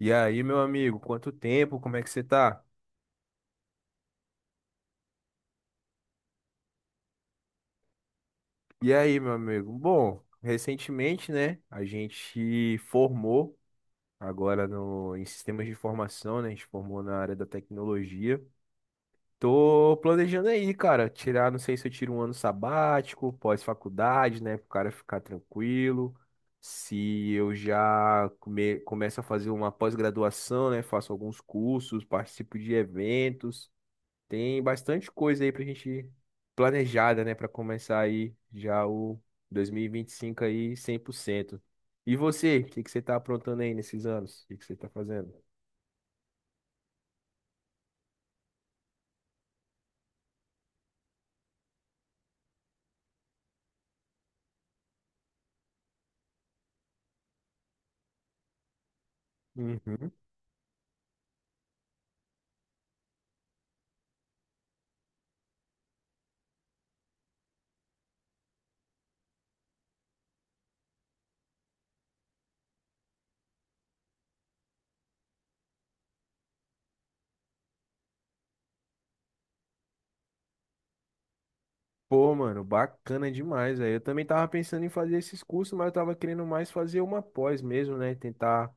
E aí, meu amigo, quanto tempo? Como é que você tá? E aí, meu amigo? Bom, recentemente, né, a gente formou agora no, em sistemas de informação, né? A gente formou na área da tecnologia. Tô planejando aí, cara, tirar, não sei se eu tiro um ano sabático, pós-faculdade, né, pro cara ficar tranquilo. Se eu já começo a fazer uma pós-graduação, né, faço alguns cursos, participo de eventos. Tem bastante coisa aí pra gente planejada, né, pra começar aí já o dois mil e vinte e cinco aí 100%. E você, o que que você tá aprontando aí nesses anos? O que que você tá fazendo? Uhum. Pô, mano, bacana demais, aí. Eu também tava pensando em fazer esses cursos, mas eu tava querendo mais fazer uma pós mesmo, né? Tentar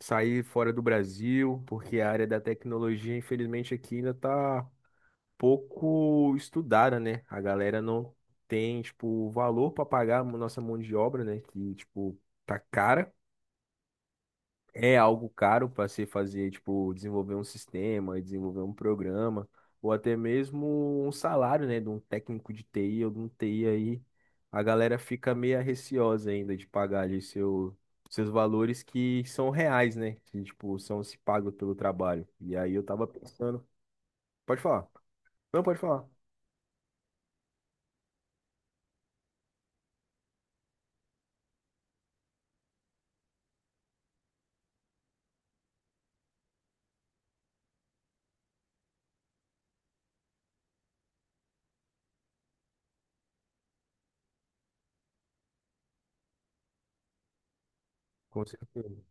sair fora do Brasil, porque a área da tecnologia, infelizmente, aqui ainda tá pouco estudada, né? A galera não tem, tipo, valor para pagar a nossa mão de obra, né? Que, tipo, tá cara. É algo caro para se fazer, tipo, desenvolver um sistema, desenvolver um programa, ou até mesmo um salário, né? De um técnico de TI ou de um TI aí. A galera fica meio receosa ainda de pagar ali seus valores que são reais, né? Que, tipo, são se pagos pelo trabalho. E aí eu tava pensando. Pode falar. Não, pode falar. Com certeza.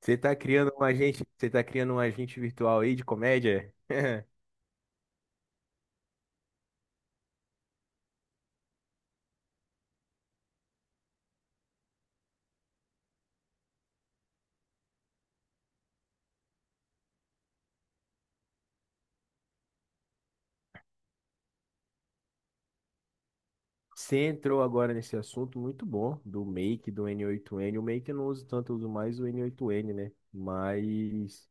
Você tá criando um agente virtual aí de comédia? Você entrou agora nesse assunto muito bom do Make, do N8N. O Make eu não uso tanto, eu uso mais o N8N, né? Mas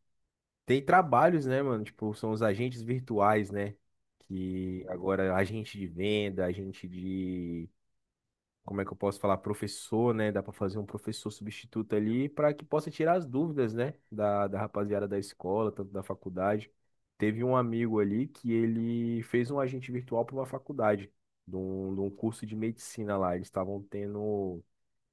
tem trabalhos, né, mano? Tipo, são os agentes virtuais, né? Que agora agente de venda, agente de como é que eu posso falar, professor, né? Dá para fazer um professor substituto ali para que possa tirar as dúvidas, né? Da rapaziada da escola, tanto da faculdade. Teve um amigo ali que ele fez um agente virtual para uma faculdade, de um curso de medicina lá. Eles estavam tendo,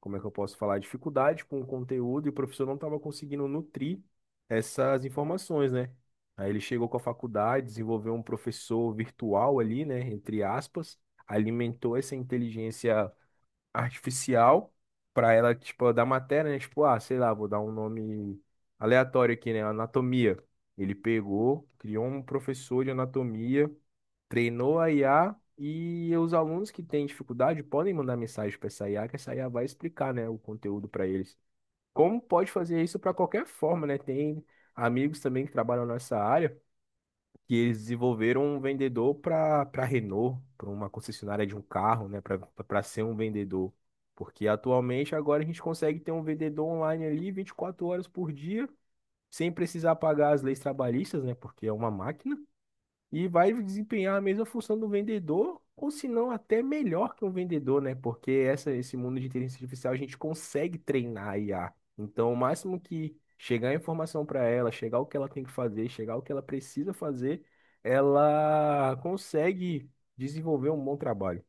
como é que eu posso falar, dificuldade com o conteúdo e o professor não estava conseguindo nutrir essas informações, né? Aí ele chegou com a faculdade, desenvolveu um professor virtual ali, né? Entre aspas, alimentou essa inteligência artificial para ela, tipo, dar matéria, né? Tipo, ah, sei lá, vou dar um nome aleatório aqui, né? Anatomia. Ele pegou, criou um professor de anatomia, treinou a IA e os alunos que têm dificuldade podem mandar mensagem para essa IA, que essa IA vai explicar, né, o conteúdo para eles. Como pode fazer isso para qualquer forma, né? Tem amigos também que trabalham nessa área que eles desenvolveram um vendedor para Renault, para uma concessionária de um carro, né, para ser um vendedor. Porque atualmente agora a gente consegue ter um vendedor online ali 24 horas por dia, sem precisar pagar as leis trabalhistas, né, porque é uma máquina. E vai desempenhar a mesma função do vendedor, ou se não, até melhor que um vendedor, né? Porque esse mundo de inteligência artificial a gente consegue treinar a IA. Então, o máximo que chegar a informação para ela, chegar o que ela tem que fazer, chegar o que ela precisa fazer, ela consegue desenvolver um bom trabalho.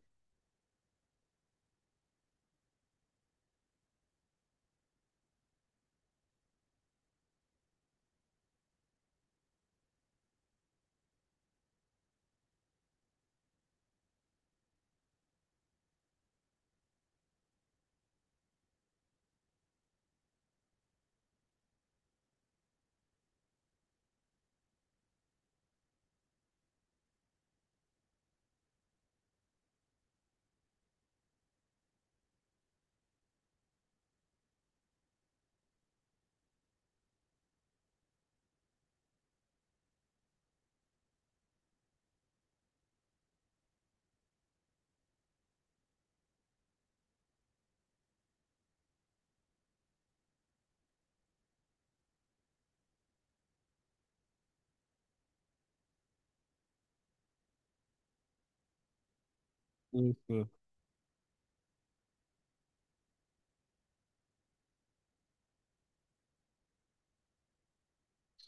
Sim, sim,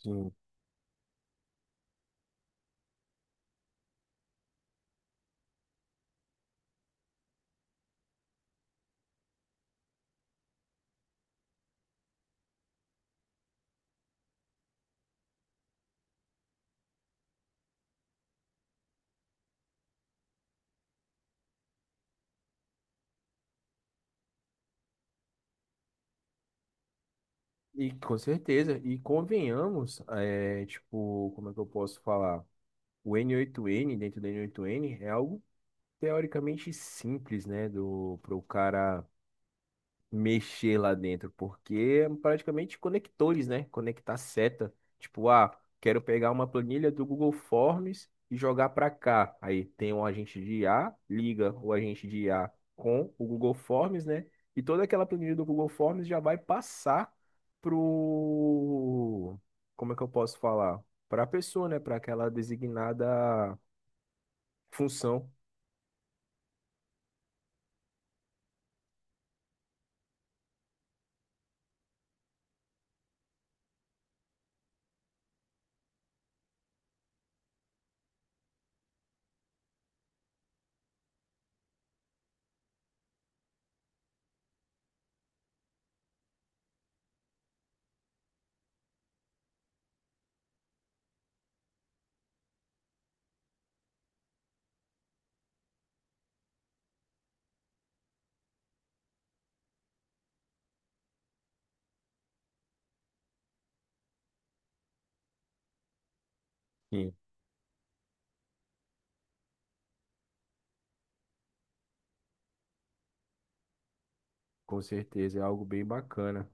sim. E com certeza, e convenhamos, é, tipo, como é que eu posso falar? O N8N, dentro do N8N, é algo teoricamente simples, né, do para o cara mexer lá dentro, porque é praticamente conectores, né? Conectar seta, tipo, ah, quero pegar uma planilha do Google Forms e jogar para cá. Aí tem um agente de I a liga o agente de I a com o Google Forms, né? E toda aquela planilha do Google Forms já vai passar pro, como é que eu posso falar? Para a pessoa, né? Para aquela designada função. Sim. Com certeza, é algo bem bacana.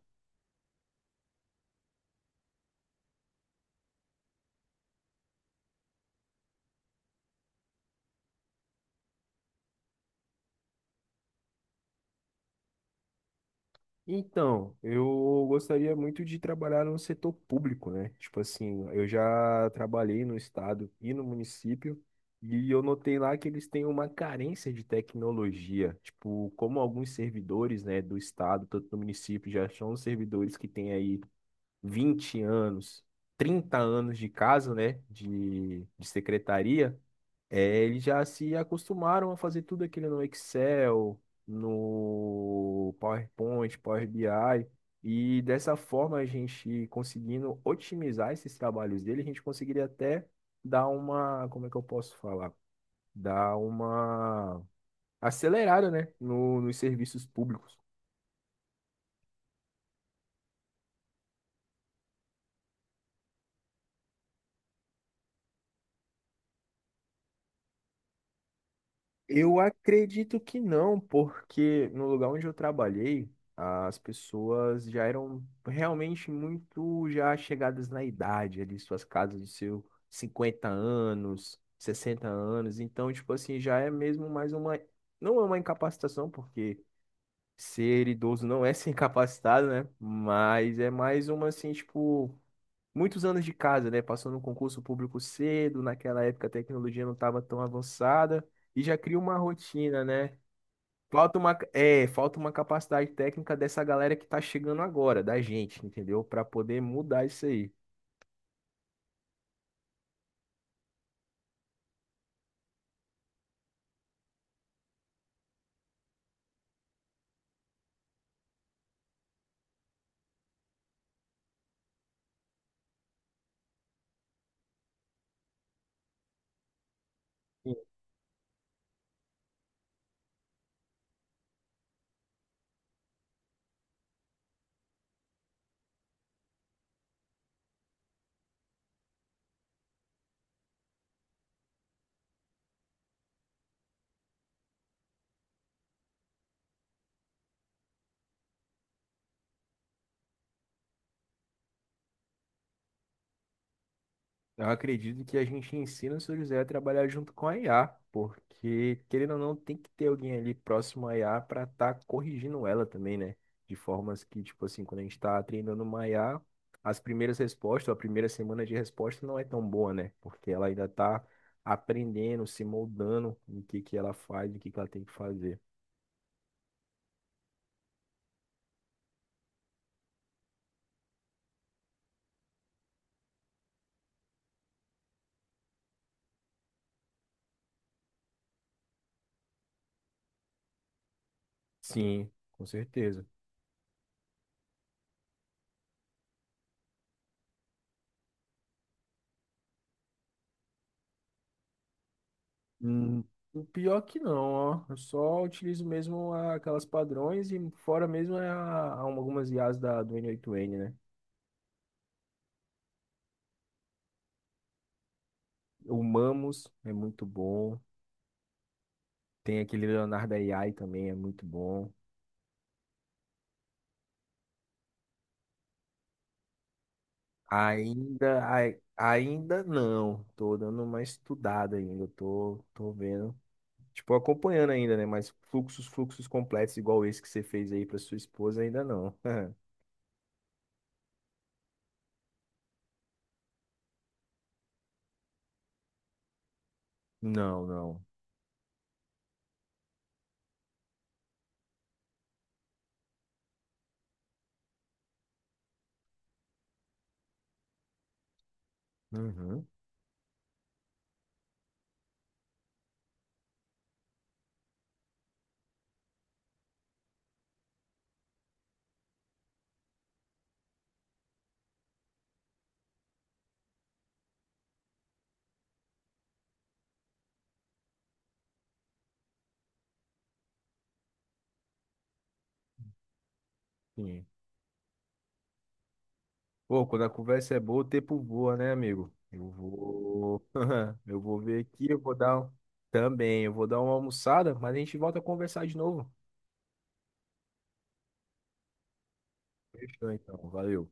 Então, eu gostaria muito de trabalhar no setor público, né? Tipo assim, eu já trabalhei no estado e no município, e eu notei lá que eles têm uma carência de tecnologia. Tipo, como alguns servidores, né, do estado, tanto do município, já são servidores que têm aí 20 anos, 30 anos de caso, né, de secretaria. É, eles já se acostumaram a fazer tudo aquilo no Excel, no PowerPoint, Power BI, e dessa forma a gente conseguindo otimizar esses trabalhos dele, a gente conseguiria até dar uma, como é que eu posso falar? Dar uma acelerada, né, no, nos serviços públicos. Eu acredito que não, porque no lugar onde eu trabalhei, as pessoas já eram realmente muito já chegadas na idade, ali suas casas dos seus 50 anos, 60 anos, então tipo assim, já é mesmo mais uma não é uma incapacitação, porque ser idoso não é ser incapacitado, né? Mas é mais uma assim, tipo muitos anos de casa, né? Passou no concurso público cedo, naquela época a tecnologia não estava tão avançada e já cria uma rotina, né? Falta uma capacidade técnica dessa galera que tá chegando agora, da gente, entendeu? Para poder mudar isso aí. Eu acredito que a gente ensina o seu José a trabalhar junto com a IA, porque, querendo ou não, tem que ter alguém ali próximo à IA para estar corrigindo ela também, né? De formas que, tipo assim, quando a gente está treinando uma IA, as primeiras respostas, ou a primeira semana de resposta não é tão boa, né? Porque ela ainda está aprendendo, se moldando no que ela faz, o que que ela tem que fazer. Sim, com certeza. Hum, o pior que não, ó. Eu só utilizo mesmo aquelas padrões e fora mesmo é a algumas I as do N8N, né? O Mamos é muito bom. Tem aquele Leonardo AI também, é muito bom. Ainda não. Tô dando uma estudada ainda. Tô vendo. Tipo, acompanhando ainda, né? Mas fluxos completos igual esse que você fez aí pra sua esposa, ainda não. Não, não. Uhum. Pô, quando a conversa é boa, o tempo voa, né, amigo? Eu vou. Eu vou ver aqui, eu vou dar. Também, eu vou dar uma almoçada, mas a gente volta a conversar de novo. Fechou, então. Valeu.